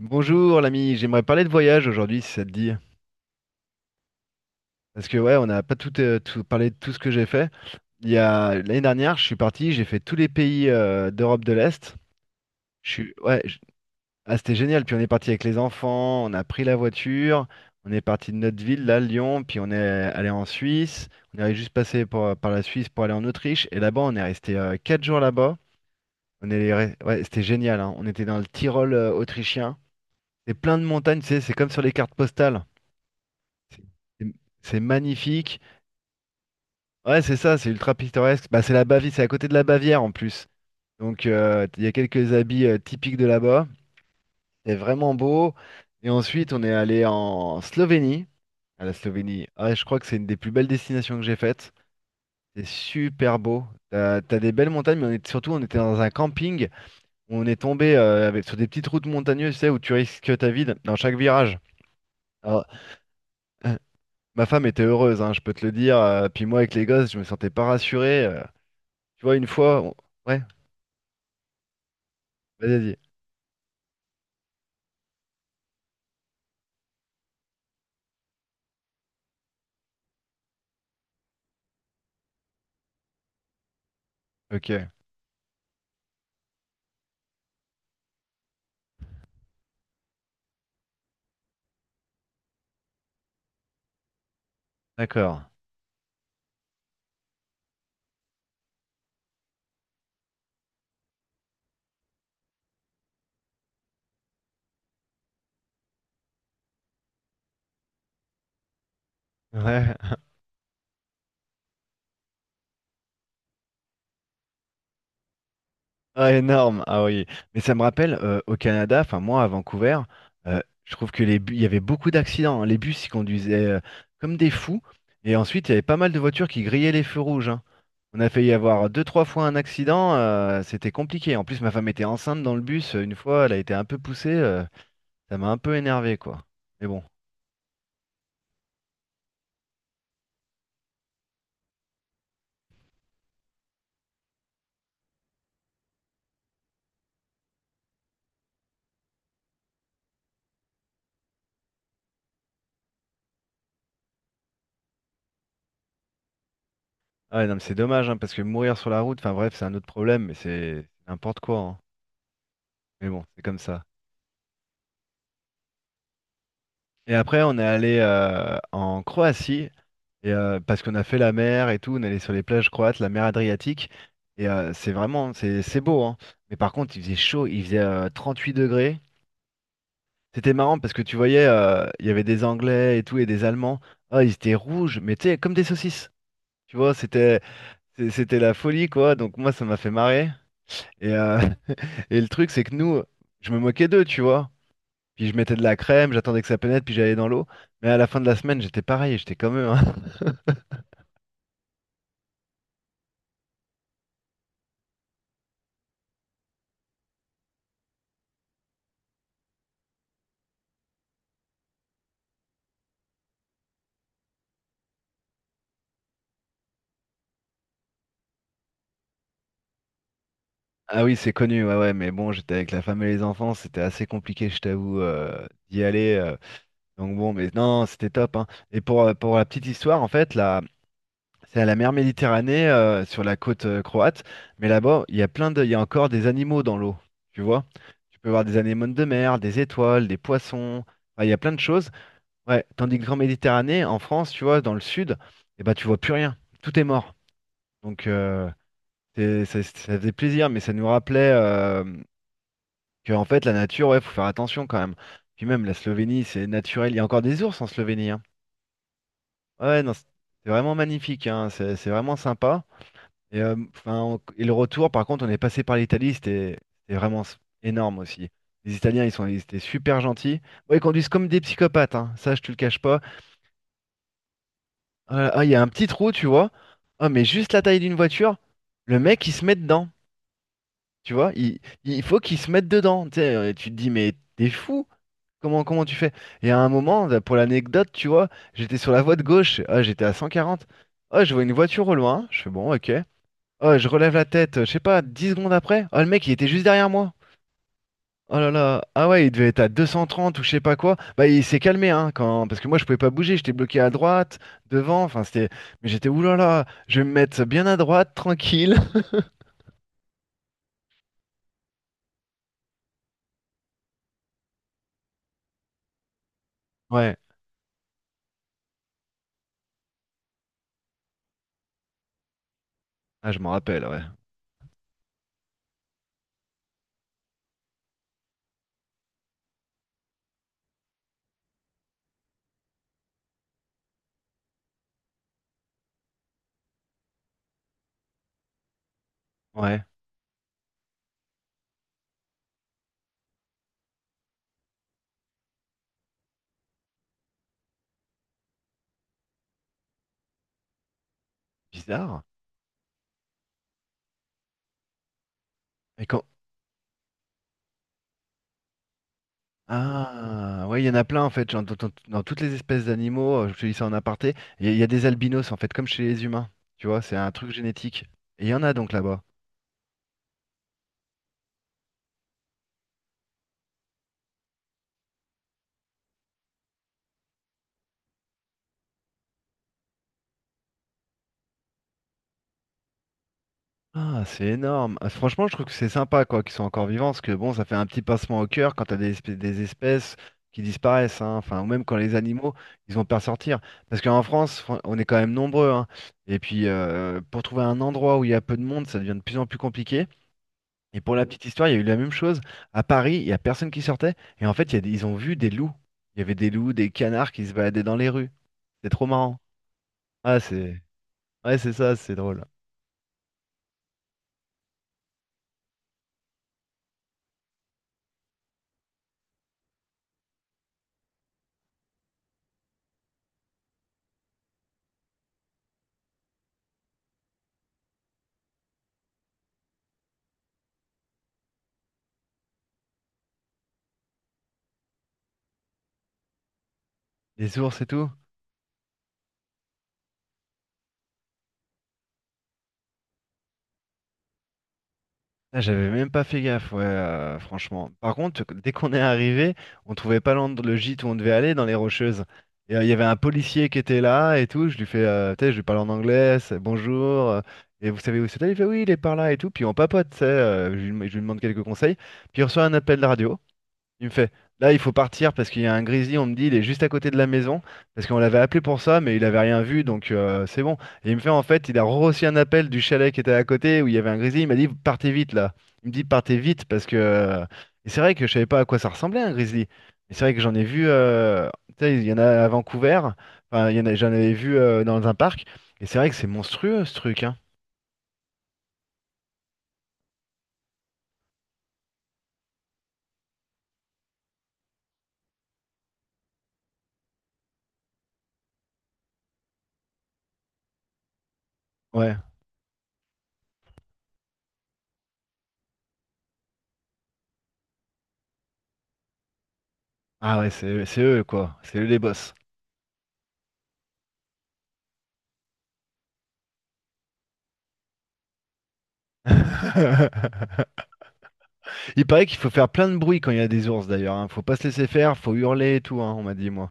Bonjour l'ami, j'aimerais parler de voyage aujourd'hui si ça te dit. Parce que ouais, on n'a pas tout, parlé de tout ce que j'ai fait. Il y a l'année dernière, je suis parti, j'ai fait tous les pays d'Europe de l'Est. Je suis Ouais. Ah, c'était génial. Puis on est parti avec les enfants, on a pris la voiture, on est parti de notre ville, là, Lyon, puis on est allé en Suisse. On est juste passé par la Suisse pour aller en Autriche. Et là-bas, on est resté 4 jours là-bas. Ouais, c'était génial, hein. On était dans le Tyrol autrichien. C'est plein de montagnes, tu sais, c'est comme sur les cartes postales. C'est c'est magnifique. Ouais, c'est ça, c'est ultra pittoresque. Bah, c'est la Bavière, c'est à côté de la Bavière en plus. Donc, il y a quelques habits typiques de là-bas. C'est vraiment beau. Et ensuite, on est allé en Slovénie. À la Slovénie, ah ouais, je crois que c'est une des plus belles destinations que j'ai faites. C'est super beau. T'as des belles montagnes, mais on est, surtout, on était dans un camping où on est tombé sur des petites routes montagneuses, tu sais, où tu risques ta vie dans chaque virage. Alors, ma femme était heureuse, hein, je peux te le dire. Puis moi, avec les gosses, je me sentais pas rassuré. Tu vois, une fois, ouais, vas-y, vas-y. Ok, d'accord. Ouais. Ah, énorme. Ah oui. Mais ça me rappelle, au Canada, enfin, moi, à Vancouver, je trouve que les bus, il y avait beaucoup d'accidents, hein. Les bus, ils conduisaient comme des fous. Et ensuite, il y avait pas mal de voitures qui grillaient les feux rouges, hein. On a failli avoir deux, trois fois un accident. C'était compliqué. En plus, ma femme était enceinte dans le bus. Une fois, elle a été un peu poussée. Ça m'a un peu énervé, quoi. Mais bon. Ah, ouais, non, mais c'est dommage, hein, parce que mourir sur la route, enfin bref, c'est un autre problème, mais c'est n'importe quoi, hein. Mais bon, c'est comme ça. Et après, on est allé en Croatie, et parce qu'on a fait la mer et tout, on est allé sur les plages croates, la mer Adriatique, et c'est vraiment, c'est beau, hein. Mais par contre, il faisait chaud, il faisait 38 degrés. C'était marrant parce que tu voyais, il y avait des Anglais et tout, et des Allemands. Ah, ils étaient rouges, mais tu sais, comme des saucisses. Tu vois, c'était la folie, quoi. Donc moi, ça m'a fait marrer. Et, euh, et le truc, c'est que nous, je me moquais d'eux, tu vois. Puis je mettais de la crème, j'attendais que ça pénètre, puis j'allais dans l'eau. Mais à la fin de la semaine, j'étais pareil, j'étais comme eux, hein. Ah oui, c'est connu, ouais, ouais, mais bon, j'étais avec la femme et les enfants, c'était assez compliqué, je t'avoue, d'y aller. Donc bon, mais non, c'était top, hein. Et pour la petite histoire, en fait, là, c'est à la mer Méditerranée, sur la côte croate, mais là-bas, il y a encore des animaux dans l'eau, tu vois. Tu peux voir des anémones de mer, des étoiles, des poissons. Enfin, il y a plein de choses. Ouais, tandis que Grand Méditerranée, en France, tu vois, dans le sud, eh ben, tu vois plus rien. Tout est mort. Donc, ça faisait plaisir, mais ça nous rappelait que, en fait, la nature, ouais, faut faire attention quand même. Puis même, la Slovénie, c'est naturel. Il y a encore des ours en Slovénie, hein. Ouais, ouais, non, c'est vraiment magnifique, hein. C'est vraiment sympa. Enfin, et le retour, par contre, on est passé par l'Italie, c'était vraiment énorme aussi. Les Italiens, ils étaient super gentils. Bon, ils conduisent comme des psychopathes, hein. Ça, je te le cache pas. Ah, il y a un petit trou, tu vois. Ah, mais juste la taille d'une voiture, le mec, il se met dedans. Tu vois, il faut qu'il se mette dedans. Tu sais, tu te dis, mais t'es fou? Comment tu fais? Et à un moment, là, pour l'anecdote, tu vois, j'étais sur la voie de gauche. Ah, j'étais à 140. Ah, je vois une voiture au loin. Je fais, bon, ok. Ah, je relève la tête, je sais pas, 10 secondes après. Ah, le mec, il était juste derrière moi. Oh là là, ah ouais, il devait être à 230 ou je sais pas quoi. Bah il s'est calmé, hein, quand parce que moi je pouvais pas bouger, j'étais bloqué à droite, devant, enfin c'était mais j'étais ouh là là, je vais me mettre bien à droite, tranquille. Ouais, ah je m'en rappelle, ouais. Ouais, bizarre. Et quand Ah, ouais, il y en a plein en fait, genre, dans toutes les espèces d'animaux, je te dis ça en aparté, il y a des albinos en fait comme chez les humains, tu vois, c'est un truc génétique. Et il y en a donc là-bas. Ah, c'est énorme. Ah, franchement, je trouve que c'est sympa quoi qu'ils soient encore vivants, parce que bon, ça fait un petit pincement au cœur quand t'as des espèces qui disparaissent, hein. Enfin, ou même quand les animaux, ils ont peur de sortir. Parce qu'en France, on est quand même nombreux, hein. Et puis, pour trouver un endroit où il y a peu de monde, ça devient de plus en plus compliqué. Et pour la petite histoire, il y a eu la même chose. À Paris, il y a personne qui sortait, et en fait, il y a des- ils ont vu des loups. Il y avait des loups, des canards qui se baladaient dans les rues. C'est trop marrant. Ah, ouais, c'est ça, c'est drôle. Les ours et tout. Ah, j'avais même pas fait gaffe, ouais, franchement. Par contre, dès qu'on est arrivé, on trouvait pas le gîte où on devait aller dans les Rocheuses. Et il y avait un policier qui était là et tout. Je lui fais, tu sais, je lui parle en anglais, c'est bonjour. Et vous savez où c'est? Il fait oui, il est par là et tout. Puis on papote, tu sais. Je lui demande quelques conseils. Puis il reçoit un appel de radio. Il me fait, là, il faut partir parce qu'il y a un grizzly, on me dit, il est juste à côté de la maison, parce qu'on l'avait appelé pour ça, mais il avait rien vu, donc c'est bon. Et il me fait, en fait, il a reçu un appel du chalet qui était à côté où il y avait un grizzly, il m'a dit, partez vite là. Il me dit, partez vite parce que. Et c'est vrai que je savais pas à quoi ça ressemblait un grizzly. Mais c'est vrai que j'en ai vu, tu sais, il y en a à Vancouver, enfin, il y en a, j'en avais vu dans un parc, et c'est vrai que c'est monstrueux ce truc, hein. Ouais. Ah ouais, c'est eux quoi, c'est eux les boss. Il paraît qu'il faut faire plein de bruit quand il y a des ours d'ailleurs, hein. Faut pas se laisser faire, faut hurler et tout, hein, on m'a dit moi.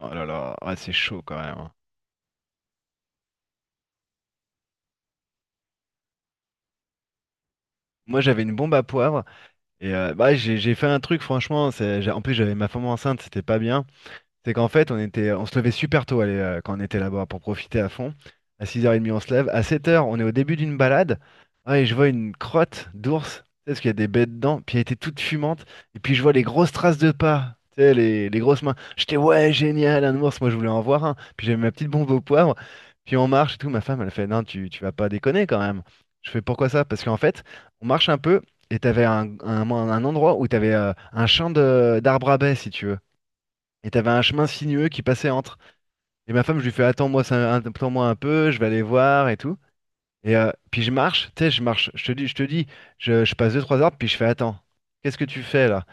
Oh là là, ouais, c'est chaud quand même, hein. Moi j'avais une bombe à poivre et bah, j'ai fait un truc franchement, en plus j'avais ma femme enceinte, c'était pas bien. C'est qu'en fait, on se levait super tôt allez, quand on était là-bas pour profiter à fond. À 6h30, on se lève. À 7 heures on est au début d'une balade. Ah, et je vois une crotte d'ours. Tu sais, parce qu'il y a des bêtes dedans. Puis elle était toute fumante. Et puis je vois les grosses traces de pas. Tu sais, les grosses mains. J'étais, ouais, génial, un ours. Moi, je voulais en voir un. Puis j'avais ma petite bombe au poivre. Puis on marche et tout. Ma femme, elle fait, non, tu vas pas déconner quand même. Je fais, pourquoi ça? Parce qu'en fait, on marche un peu. Et t'avais un endroit où t'avais un champ d'arbres à baies, si tu veux. Et t'avais un chemin sinueux qui passait entre. Et ma femme, je lui fais attends-moi un peu, je vais aller voir et tout. Et puis je marche, tu sais, je marche, je te dis, je passe deux trois heures, puis je fais attends, qu'est-ce que tu fais là?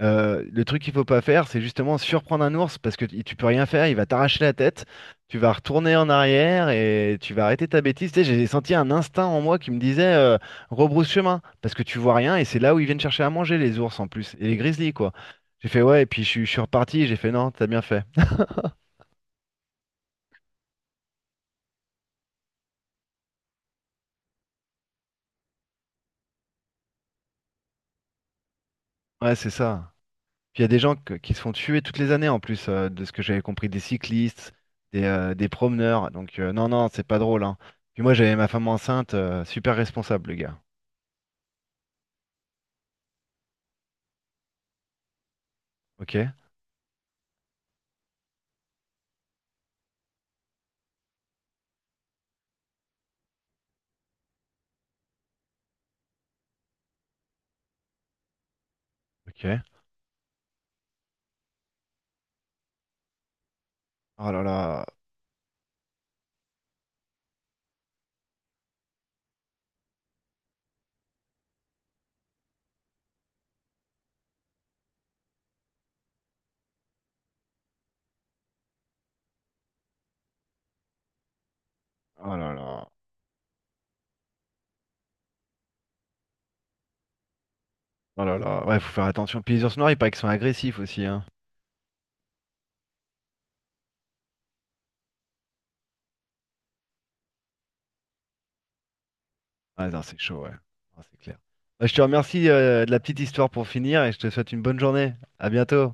Le truc qu'il faut pas faire, c'est justement surprendre un ours parce que tu peux rien faire, il va t'arracher la tête, tu vas retourner en arrière et tu vas arrêter ta bêtise. Tu sais, j'ai senti un instinct en moi qui me disait rebrousse chemin parce que tu vois rien et c'est là où ils viennent chercher à manger les ours en plus et les grizzlies quoi. J'ai fait ouais, et puis je suis reparti, j'ai fait non, t'as bien fait. Ouais, c'est ça. Puis il y a des gens qui se font tuer toutes les années en plus, de ce que j'avais compris, des cyclistes, des promeneurs. Donc non, non, c'est pas drôle, hein. Puis moi j'avais ma femme enceinte, super responsable, le gars. Ok? Ok. Oh là là. Oh là là. Oh là là. Ouais, faut faire attention. Puis les ours noirs, il paraît qu'ils sont agressifs aussi, hein. Ah non, c'est chaud, ouais. Ah, c'est clair. Bah, je te remercie, de la petite histoire pour finir et je te souhaite une bonne journée. À bientôt.